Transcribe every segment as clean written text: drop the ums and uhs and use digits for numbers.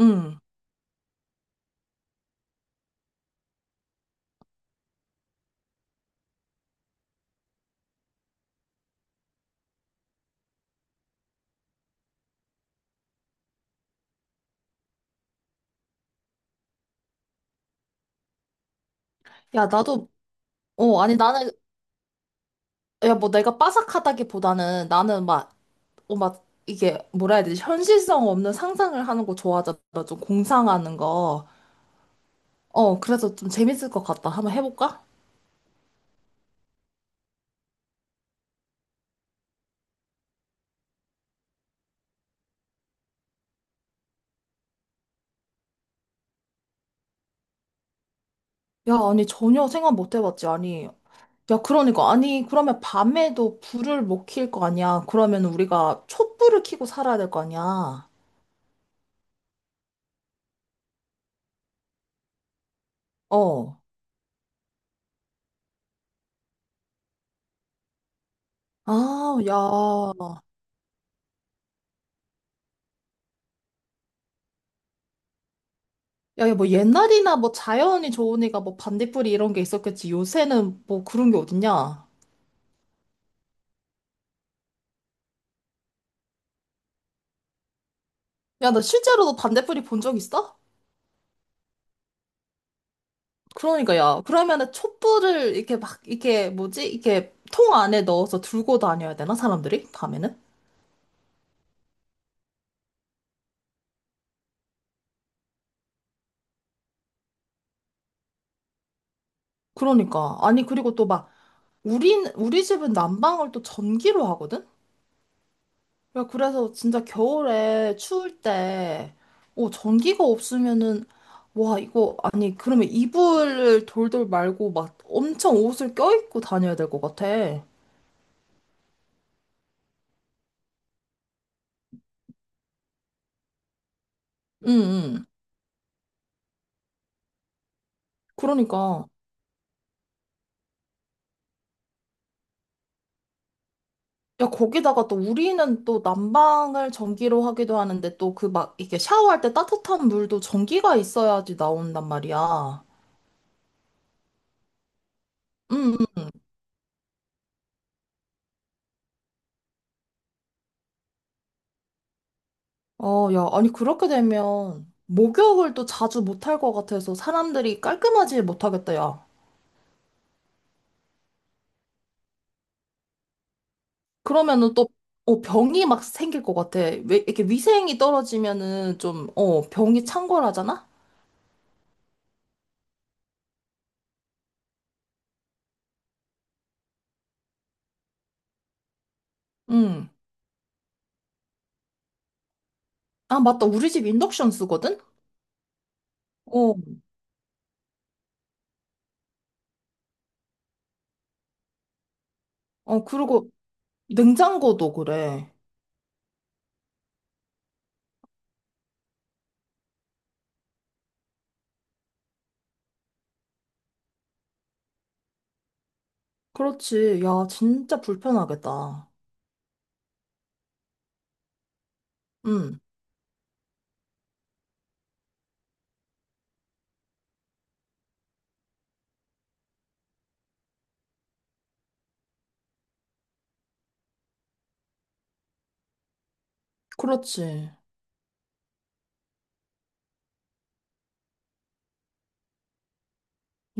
응. 야, 나도, 어, 아니, 나는, 야, 뭐 내가 빠삭하다기보다는 나는 뭐라 해야 되지? 현실성 없는 상상을 하는 거 좋아하잖아. 좀 공상하는 거. 어, 그래서 좀 재밌을 것 같다. 한번 해볼까? 야, 아니, 전혀 생각 못 해봤지. 아니, 야, 그러니까. 아니, 그러면 밤에도 불을 못 킬 거 아니야. 그러면 우리가 촛불을 켜고 살아야 될 거 아니야. 어. 아, 야. 야, 야, 뭐 옛날이나 뭐 자연이 좋으니까 뭐 반딧불이 이런 게 있었겠지. 요새는 뭐 그런 게 어딨냐. 야, 나 실제로도 반딧불이 본 적 있어? 그러니까 야, 그러면은 촛불을 이렇게 막, 이렇게 뭐지? 이렇게 통 안에 넣어서 들고 다녀야 되나? 사람들이? 밤에는? 그러니까. 아니, 그리고 또 막, 우리 집은 난방을 또 전기로 하거든? 야, 그래서 진짜 겨울에 추울 때, 어, 전기가 없으면은, 와, 이거, 아니, 그러면 이불을 돌돌 말고 막 엄청 옷을 껴입고 다녀야 될 것 같아. 응, 응. 그러니까. 야, 거기다가 또 우리는 또 난방을 전기로 하기도 하는데 또 그 막 이게 샤워할 때 따뜻한 물도 전기가 있어야지 나온단 말이야. 응, 응. 어, 야, 아니, 그렇게 되면 목욕을 또 자주 못 할 것 같아서 사람들이 깔끔하지 못하겠다, 야. 그러면은 또 어, 병이 막 생길 것 같아. 왜 이렇게 위생이 떨어지면은 좀 어, 병이 창궐하잖아? 응. 아, 맞다. 우리 집 인덕션 쓰거든? 어. 어, 그리고 냉장고도 그래. 그렇지. 야, 진짜 불편하겠다. 응. 그렇지.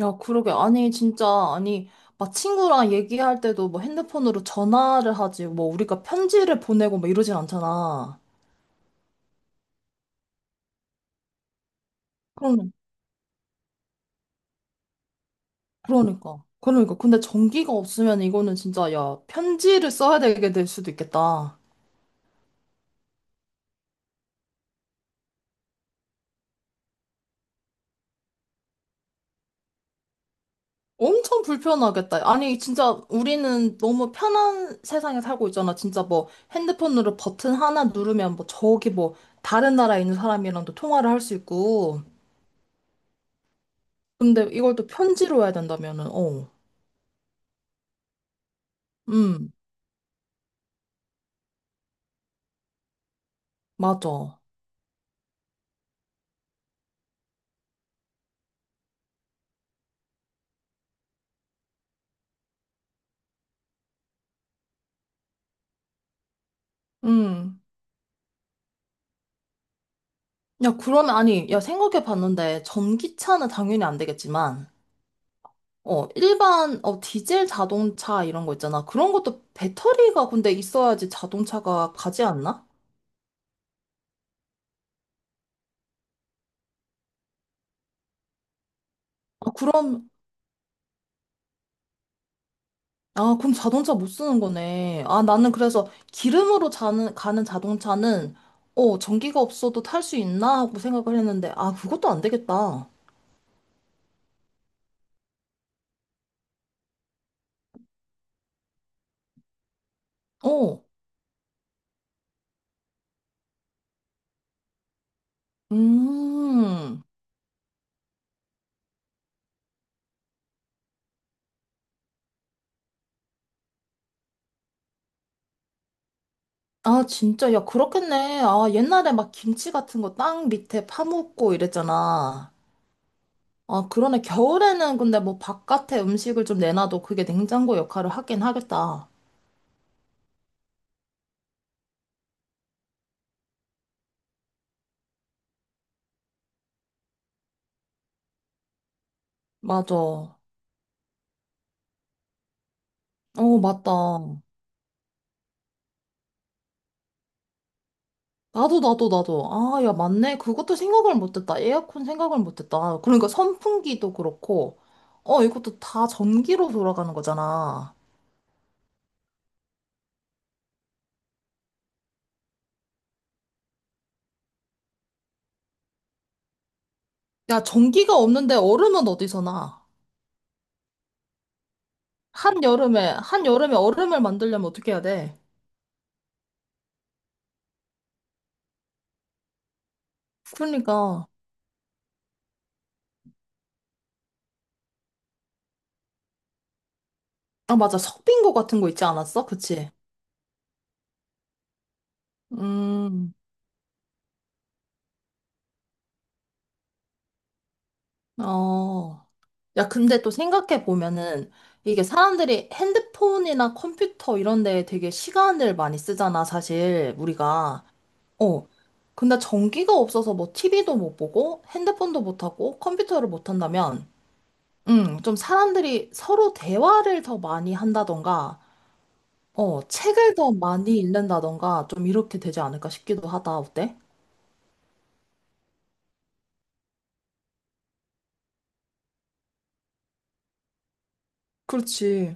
야, 그러게. 아니, 진짜 아니 막 친구랑 얘기할 때도 뭐 핸드폰으로 전화를 하지. 뭐 우리가 편지를 보내고 뭐 이러진 않잖아. 그럼 그러니까. 그러니까. 근데 전기가 없으면 이거는 진짜, 야, 편지를 써야 되게 될 수도 있겠다. 엄청 불편하겠다. 아니, 진짜 우리는 너무 편한 세상에 살고 있잖아. 진짜 뭐 핸드폰으로 버튼 하나 누르면 뭐 저기 뭐 다른 나라에 있는 사람이랑도 통화를 할 수 있고. 근데 이걸 또 편지로 해야 된다면은, 어. 음, 맞아. 음. 야, 그러면 아니, 야, 생각해 봤는데 전기차는 당연히 안 되겠지만, 어, 일반, 어, 디젤 자동차 이런 거 있잖아. 그런 것도 배터리가 근데 있어야지 자동차가 가지 않나? 아, 그럼, 아, 그럼 자동차 못 쓰는 거네. 아, 나는 그래서 기름으로 자는, 가는 자동차는, 어, 전기가 없어도 탈 수 있나? 하고 생각을 했는데, 아, 그것도 안 되겠다. 어, 음. 아, 진짜, 야, 그렇겠네. 아, 옛날에 막 김치 같은 거 땅 밑에 파묻고 이랬잖아. 아, 그러네. 겨울에는 근데 뭐 바깥에 음식을 좀 내놔도 그게 냉장고 역할을 하긴 하겠다. 맞아. 어, 맞다. 나도, 나도, 나도. 아, 야, 맞네. 그것도 생각을 못했다. 에어컨 생각을 못했다. 그러니까 선풍기도 그렇고, 어, 이것도 다 전기로 돌아가는 거잖아. 야, 전기가 없는데 얼음은 어디서 나? 한여름에, 한여름에 얼음을 만들려면 어떻게 해야 돼? 그러니까. 아, 맞아. 석빙고 같은 거 있지 않았어? 그치? 음, 어. 야, 근데 또 생각해 보면은 이게 사람들이 핸드폰이나 컴퓨터 이런 데에 되게 시간을 많이 쓰잖아, 사실 우리가. 어. 근데 전기가 없어서 뭐 TV도 못 보고 핸드폰도 못 하고 컴퓨터를 못 한다면 좀 사람들이 서로 대화를 더 많이 한다던가 어, 책을 더 많이 읽는다던가 좀 이렇게 되지 않을까 싶기도 하다. 어때? 그렇지.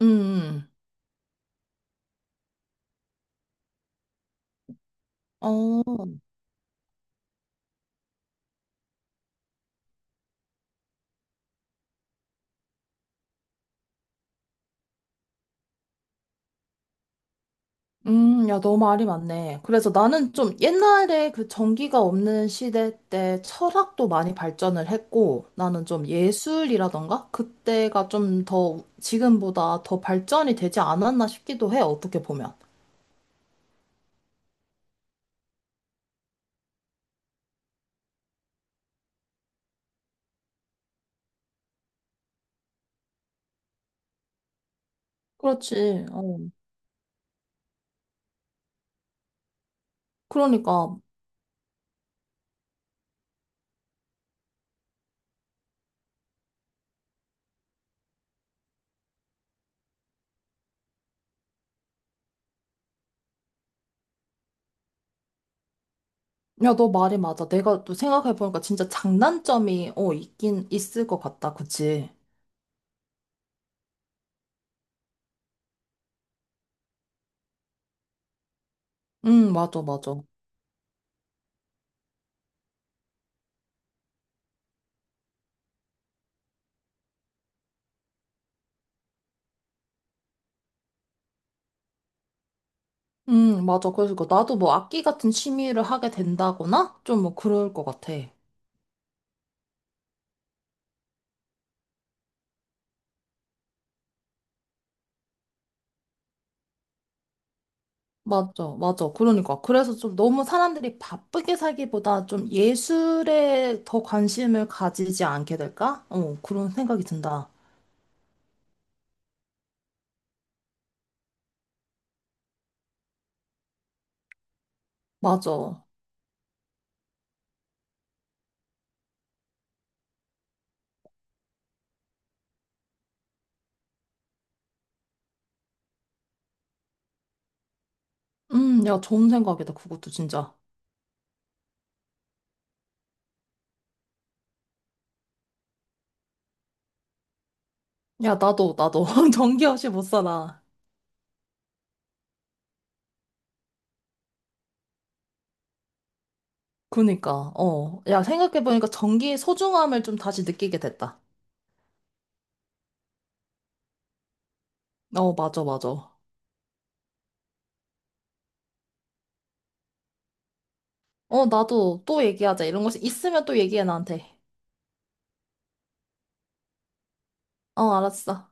음. 음. 어. 야, 너 말이 맞네. 그래서 나는 좀 옛날에 그 전기가 없는 시대 때 철학도 많이 발전을 했고, 나는 좀 예술이라던가? 그때가 좀 더, 지금보다 더 발전이 되지 않았나 싶기도 해, 어떻게 보면. 그렇지. 어. 그러니까, 야, 너 말이 맞아. 내가 또 생각해보니까 진짜 장단점이, 어, 있긴 있을 것 같다. 그치? 응, 맞아, 맞아. 응, 맞아. 그래서 그 나도 뭐 악기 같은 취미를 하게 된다거나? 좀 뭐 그럴 것 같아. 맞아, 맞아. 그러니까. 그래서 좀 너무 사람들이 바쁘게 살기보다 좀 예술에 더 관심을 가지지 않게 될까? 어, 그런 생각이 든다. 맞아. 야, 좋은 생각이다. 그것도 진짜. 야, 나도, 나도. 전기 없이 못 살아. 그니까, 어. 야, 생각해보니까 전기의 소중함을 좀 다시 느끼게 됐다. 어, 맞아, 맞아. 어, 나도 또 얘기하자. 이런 것이 있으면 또 얘기해, 나한테. 어, 알았어.